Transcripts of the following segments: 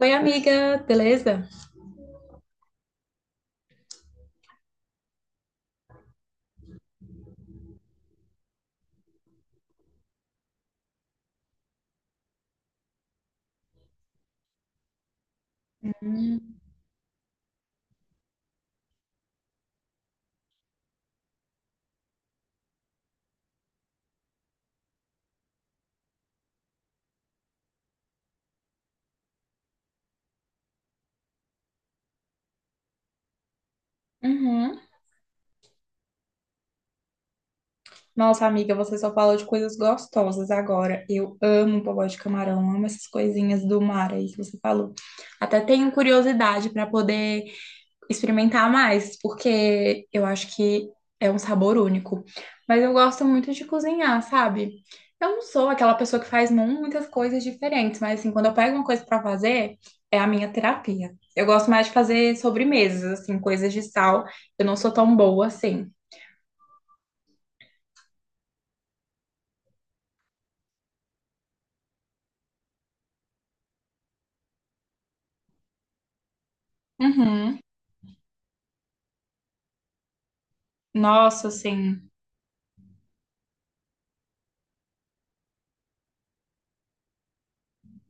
Oi, amiga, beleza? Hum. Uhum. Nossa, amiga, você só falou de coisas gostosas agora. Eu amo bobó de camarão, amo essas coisinhas do mar aí que você falou. Até tenho curiosidade para poder experimentar mais, porque eu acho que é um sabor único. Mas eu gosto muito de cozinhar, sabe? Eu não sou aquela pessoa que faz muitas coisas diferentes, mas assim, quando eu pego uma coisa pra fazer, é a minha terapia. Eu gosto mais de fazer sobremesas, assim, coisas de sal. Eu não sou tão boa assim. Uhum. Nossa, assim.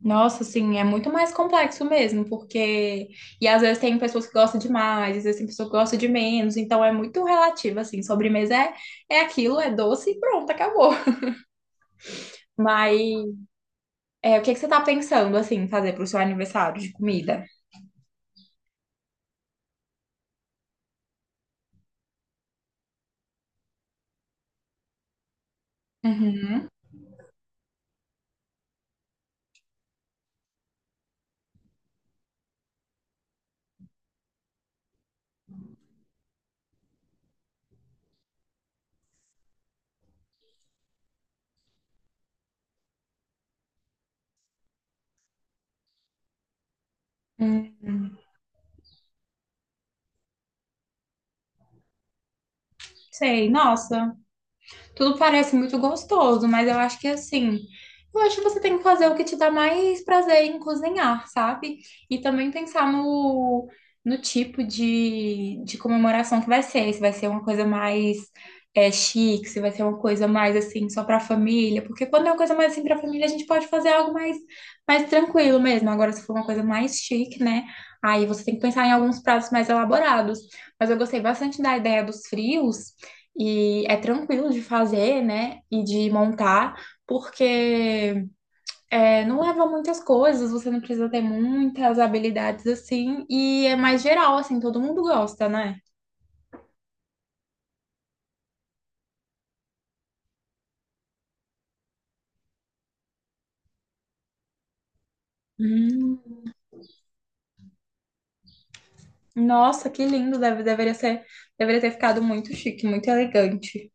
Nossa, assim, é muito mais complexo mesmo, porque. E às vezes tem pessoas que gostam de mais, às vezes tem pessoas que gostam de menos, então é muito relativo, assim. Sobremesa é aquilo, é doce e pronto, acabou. Mas o que que você tá pensando, assim, fazer pro seu aniversário de comida? Uhum. Hum, sei, nossa, tudo parece muito gostoso, mas eu acho que assim, eu acho que você tem que fazer o que te dá mais prazer em cozinhar, sabe? E também pensar no tipo de comemoração que vai ser, se vai ser uma coisa mais chique, se vai ser uma coisa mais assim, só pra família, porque quando é uma coisa mais assim pra família, a gente pode fazer algo mais, mais tranquilo mesmo. Agora, se for uma coisa mais chique, né? Aí você tem que pensar em alguns pratos mais elaborados. Mas eu gostei bastante da ideia dos frios, e é tranquilo de fazer, né? E de montar, porque não leva muitas coisas, você não precisa ter muitas habilidades assim, e é mais geral, assim, todo mundo gosta, né? Hum. Nossa, que lindo! Deveria ser, deveria ter ficado muito chique, muito elegante.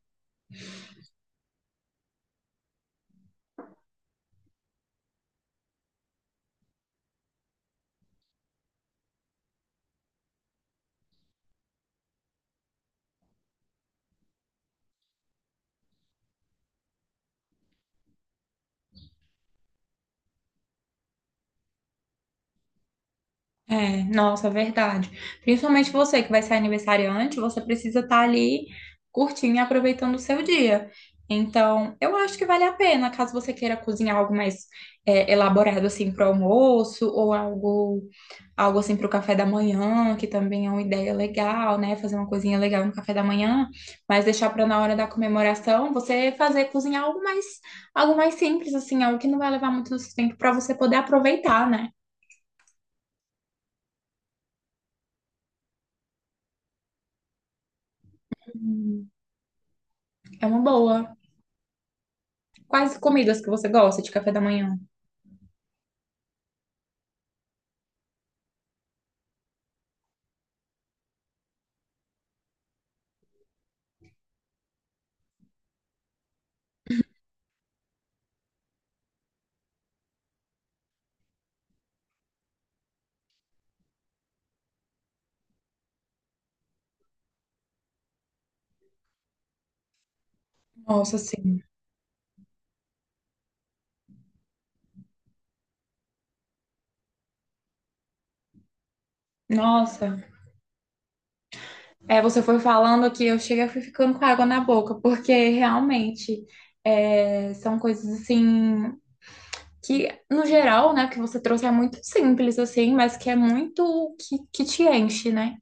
É, nossa, verdade. Principalmente você que vai ser aniversariante, você precisa estar ali curtindo e aproveitando o seu dia. Então, eu acho que vale a pena, caso você queira cozinhar algo mais elaborado assim para o almoço ou algo, algo assim para o café da manhã, que também é uma ideia legal, né? Fazer uma coisinha legal no café da manhã, mas deixar para na hora da comemoração, você fazer cozinhar algo mais simples assim, algo que não vai levar muito do seu tempo para você poder aproveitar, né? Hum. É uma boa. Quais comidas que você gosta de café da manhã? Nossa, sim. Nossa. É, você foi falando aqui, eu cheguei e fui ficando com água na boca, porque realmente são coisas assim que, no geral, né, que você trouxe é muito simples, assim, mas que é muito que te enche, né?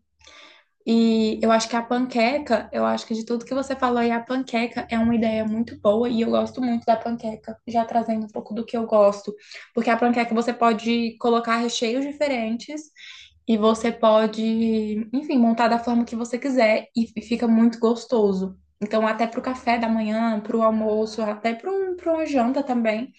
E eu acho que a panqueca, eu acho que de tudo que você falou aí, a panqueca é uma ideia muito boa e eu gosto muito da panqueca, já trazendo um pouco do que eu gosto. Porque a panqueca você pode colocar recheios diferentes e você pode, enfim, montar da forma que você quiser e fica muito gostoso. Então, até pro café da manhã, pro almoço, até para uma janta também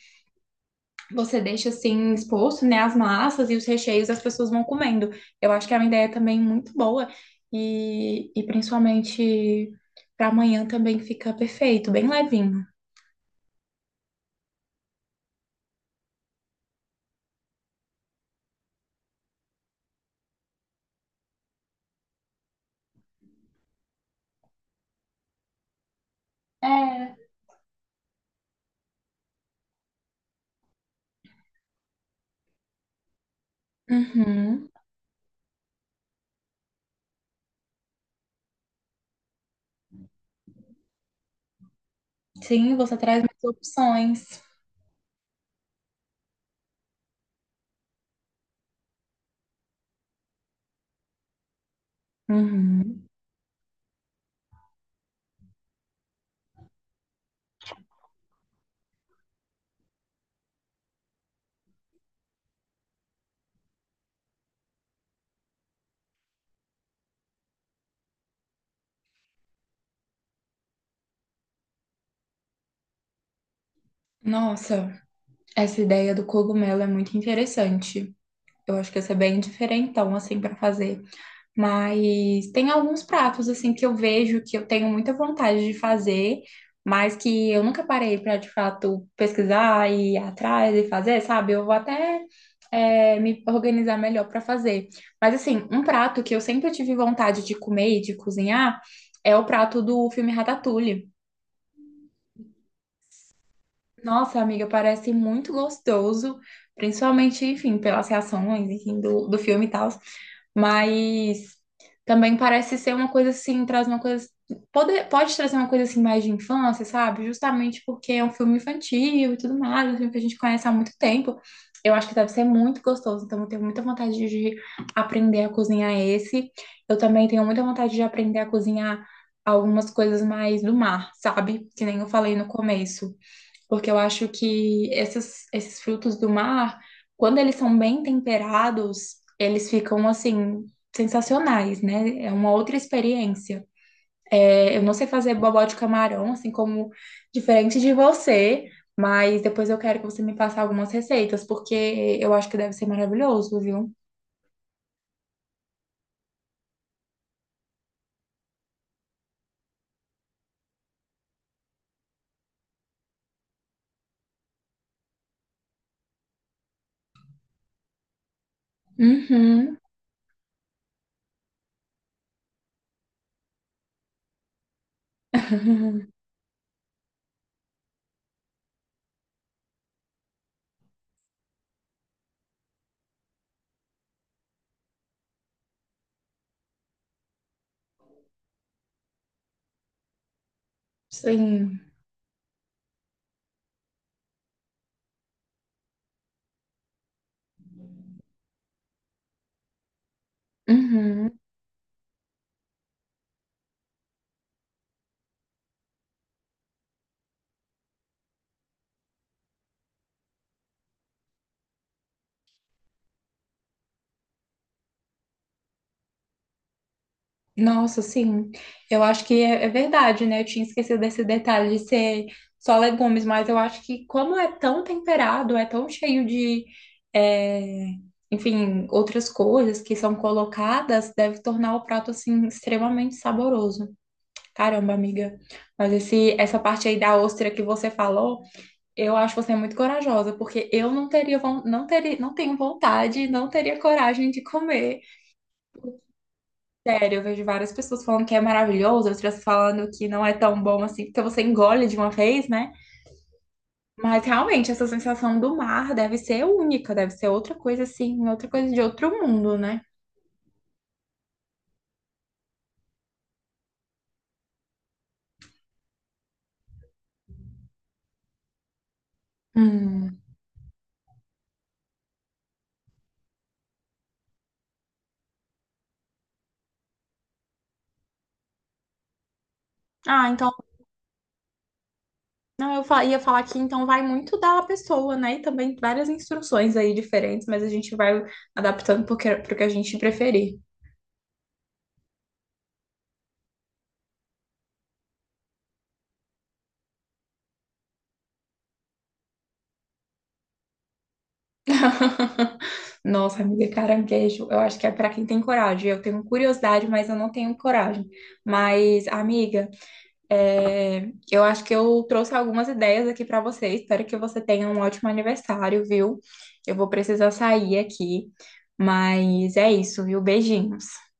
você deixa assim exposto, né, as massas e os recheios, as pessoas vão comendo. Eu acho que é uma ideia também muito boa e principalmente para amanhã também fica perfeito, bem levinho. É. Uhum. Sim, você traz mais opções. Uhum. Nossa, essa ideia do cogumelo é muito interessante. Eu acho que essa é bem diferentão assim para fazer. Mas tem alguns pratos assim que eu vejo que eu tenho muita vontade de fazer, mas que eu nunca parei para de fato pesquisar e ir atrás e fazer, sabe? Eu vou até me organizar melhor para fazer. Mas assim, um prato que eu sempre tive vontade de comer e de cozinhar é o prato do filme Ratatouille. Nossa, amiga, parece muito gostoso, principalmente, enfim, pelas reações, enfim, do filme e tal. Mas também parece ser uma coisa assim, traz uma coisa. Pode trazer uma coisa assim mais de infância, sabe? Justamente porque é um filme infantil e tudo mais, um filme que a gente conhece há muito tempo. Eu acho que deve ser muito gostoso, então eu tenho muita vontade de aprender a cozinhar esse. Eu também tenho muita vontade de aprender a cozinhar algumas coisas mais do mar, sabe? Que nem eu falei no começo, porque eu acho que esses frutos do mar, quando eles são bem temperados, eles ficam assim. Sensacionais, né? É uma outra experiência. É, eu não sei fazer bobó de camarão, assim como diferente de você, mas depois eu quero que você me passe algumas receitas, porque eu acho que deve ser maravilhoso, viu? Uhum. Sim. Uhum. Nossa, sim. Eu acho que é verdade, né? Eu tinha esquecido desse detalhe de ser só legumes, mas eu acho que como é tão temperado, é tão cheio de, é, enfim, outras coisas que são colocadas, deve tornar o prato, assim, extremamente saboroso. Caramba, amiga. Mas essa parte aí da ostra que você falou, eu acho você muito corajosa, porque eu não teria, não teria, não tenho vontade, não teria coragem de comer. Sério, eu vejo várias pessoas falando que é maravilhoso, outras falando que não é tão bom assim, porque você engole de uma vez, né? Mas realmente, essa sensação do mar deve ser única, deve ser outra coisa assim, outra coisa de outro mundo, né? Hum. Ah, então, não, eu ia falar que então vai muito da pessoa, né? E também várias instruções aí diferentes, mas a gente vai adaptando pro pro que a gente preferir. Nossa, amiga, caranguejo, eu acho que é pra quem tem coragem. Eu tenho curiosidade, mas eu não tenho coragem. Mas, amiga, é, eu acho que eu trouxe algumas ideias aqui para você. Espero que você tenha um ótimo aniversário, viu? Eu vou precisar sair aqui, mas é isso, viu? Beijinhos.